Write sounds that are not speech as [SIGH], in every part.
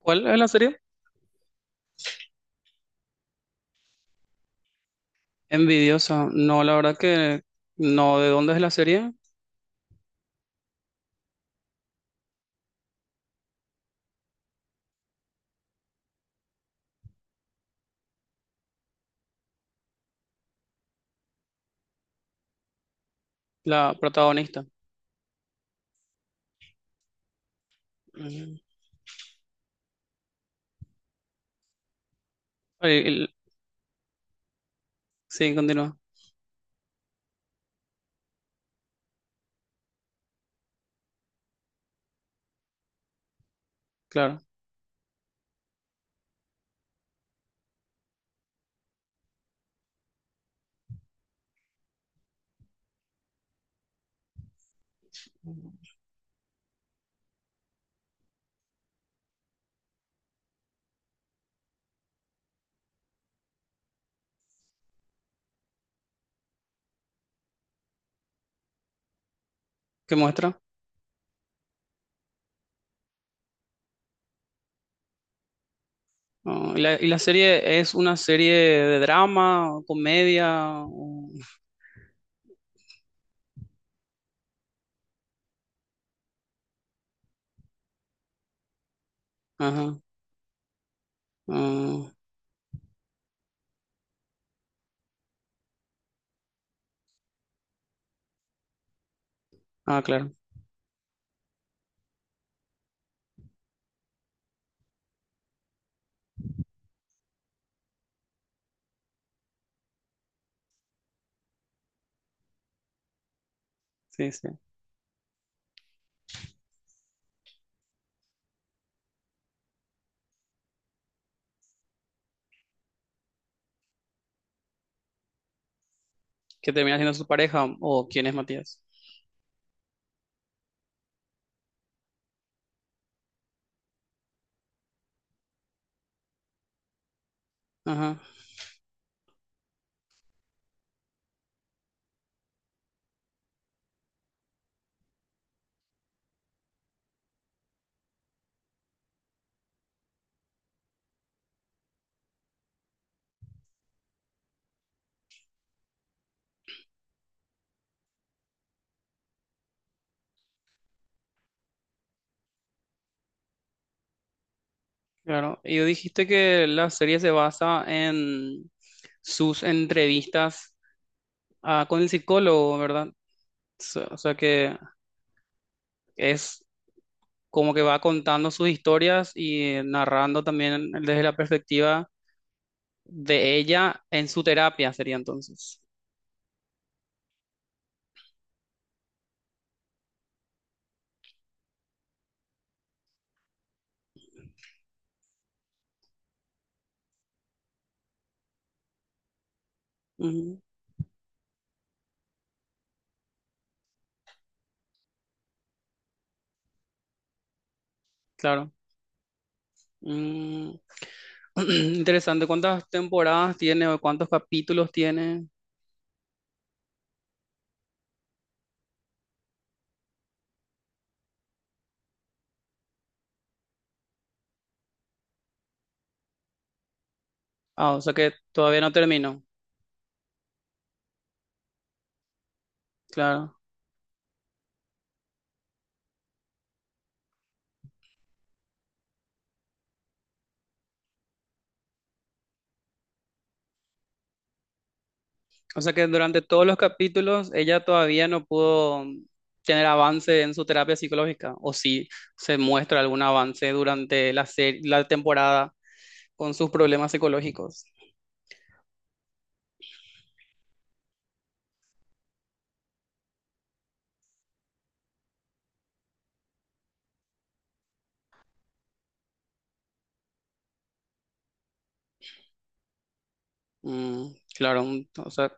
¿Cuál es la serie? Envidiosa. No, la verdad que no. ¿De dónde es la serie? La protagonista. Mm. El- el- sí, continúa. Claro. ¿Qué muestra? Ah, ¿y la serie es una serie de drama, comedia? O... Ajá. Ah, ah, claro. Sí, sí. ¿Que termina siendo su pareja? ¿O quién es Matías? Ajá. Claro. Y dijiste que la serie se basa en sus entrevistas, ah, con el psicólogo, ¿verdad? O sea que es como que va contando sus historias y narrando también desde la perspectiva de ella en su terapia, sería entonces. Ujú, claro. Mm, [CLEARS THROAT] Interesante. ¿Cuántas temporadas tiene o cuántos capítulos tiene? Ah, o sea que todavía no terminó. Claro. O sea que durante todos los capítulos ella todavía no pudo tener avance en su terapia psicológica. O si se muestra algún avance durante la temporada con sus problemas psicológicos. Mm, claro, un- o sea,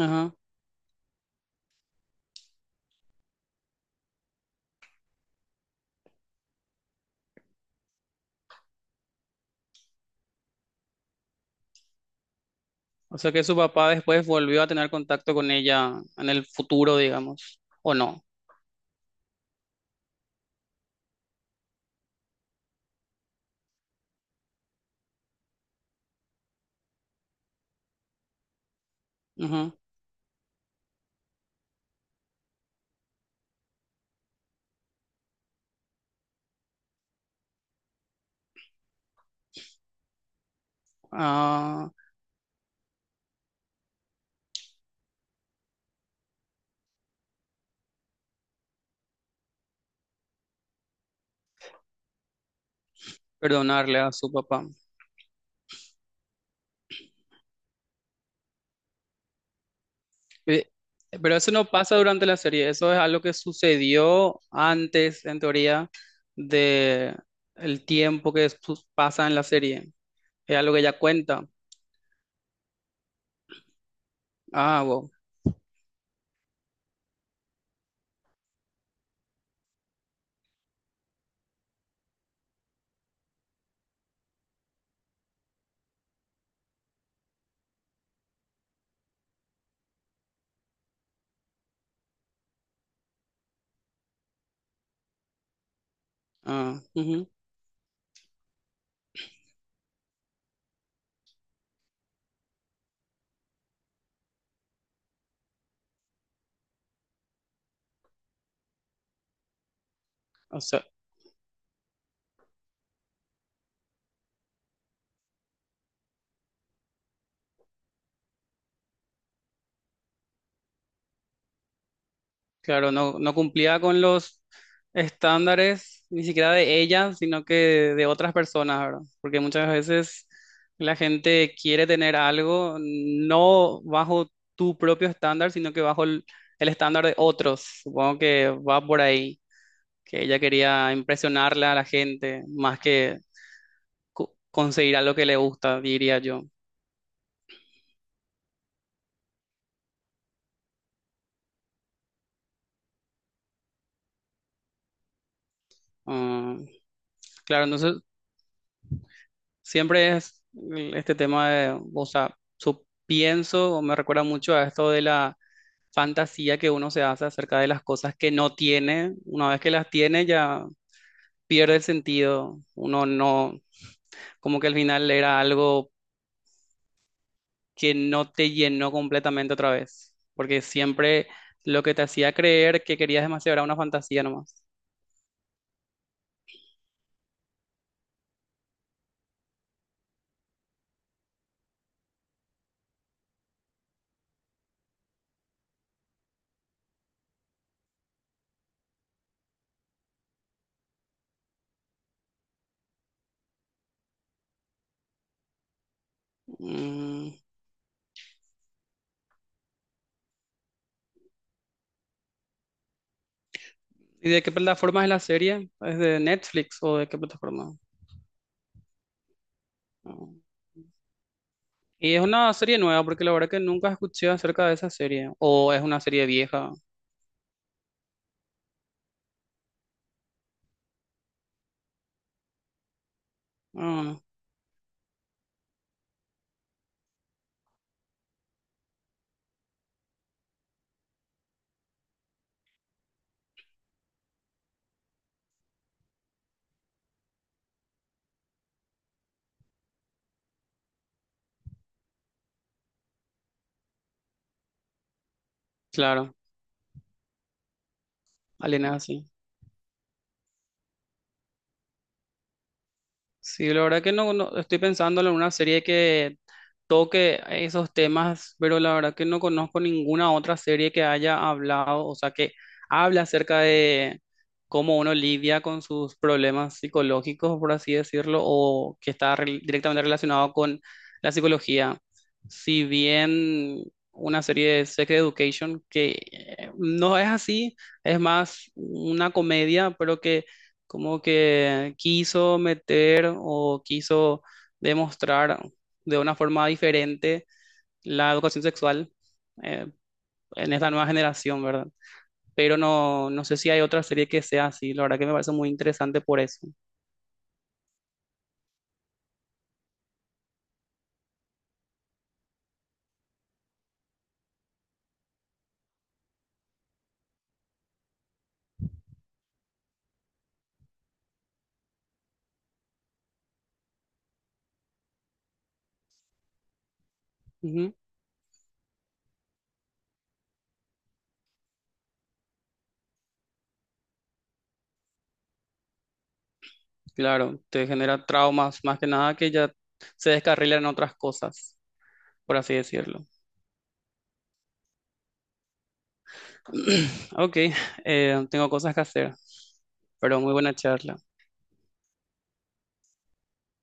ajá. O sea que su papá después volvió a tener contacto con ella en el futuro, digamos, o no. Ajá. Ah, perdonarle a su papá. Eh, Pero eso no pasa durante la serie, eso es algo que sucedió antes, en teoría, de el tiempo que su- pasa en la serie. Es algo que ella cuenta. Ah, wow. Ah, ujú. O sea, claro, no, no cumplía con los estándares ni siquiera de ella, sino que de otras personas, ¿verdad? Porque muchas veces la gente quiere tener algo no bajo tu propio estándar, sino que bajo el estándar de otros. Supongo que va por ahí, que ella quería impresionarle a la gente más que conseguir algo que le gusta, diría yo. Ah, claro, no sé, siempre es este tema de, o sea, su, pienso o me recuerda mucho a esto de la fantasía que uno se hace acerca de las cosas que no tiene. Una vez que las tiene ya pierde el sentido. Uno no, como que al final era algo que no te llenó completamente otra vez, porque siempre lo que te hacía creer que querías demasiado era una fantasía nomás. Mm. ¿Y de qué plataforma es la serie? ¿Es de Netflix o de qué plataforma? No. Y es una serie nueva, porque la verdad que nunca escuché acerca de esa serie. O es una serie vieja. Ah, claro, Alena, sí, la verdad que estoy pensando en una serie que toque esos temas, pero la verdad que no conozco ninguna otra serie que haya hablado, o sea, que habla acerca de cómo uno lidia con sus problemas psicológicos, por así decirlo, o que está directamente relacionado con la psicología. Si bien una serie de Sex Education que no es así, es más una comedia, pero que como que quiso meter o quiso demostrar de una forma diferente la educación sexual, eh, en esta nueva generación, ¿verdad? Pero no, no sé si hay otra serie que sea así, la verdad que me parece muy interesante por eso. Ujú. Claro, te genera traumas, más que nada que ya se descarrilan en otras cosas, por así decirlo. [CLEARS THROAT] Ok, tengo cosas que hacer, pero muy buena charla.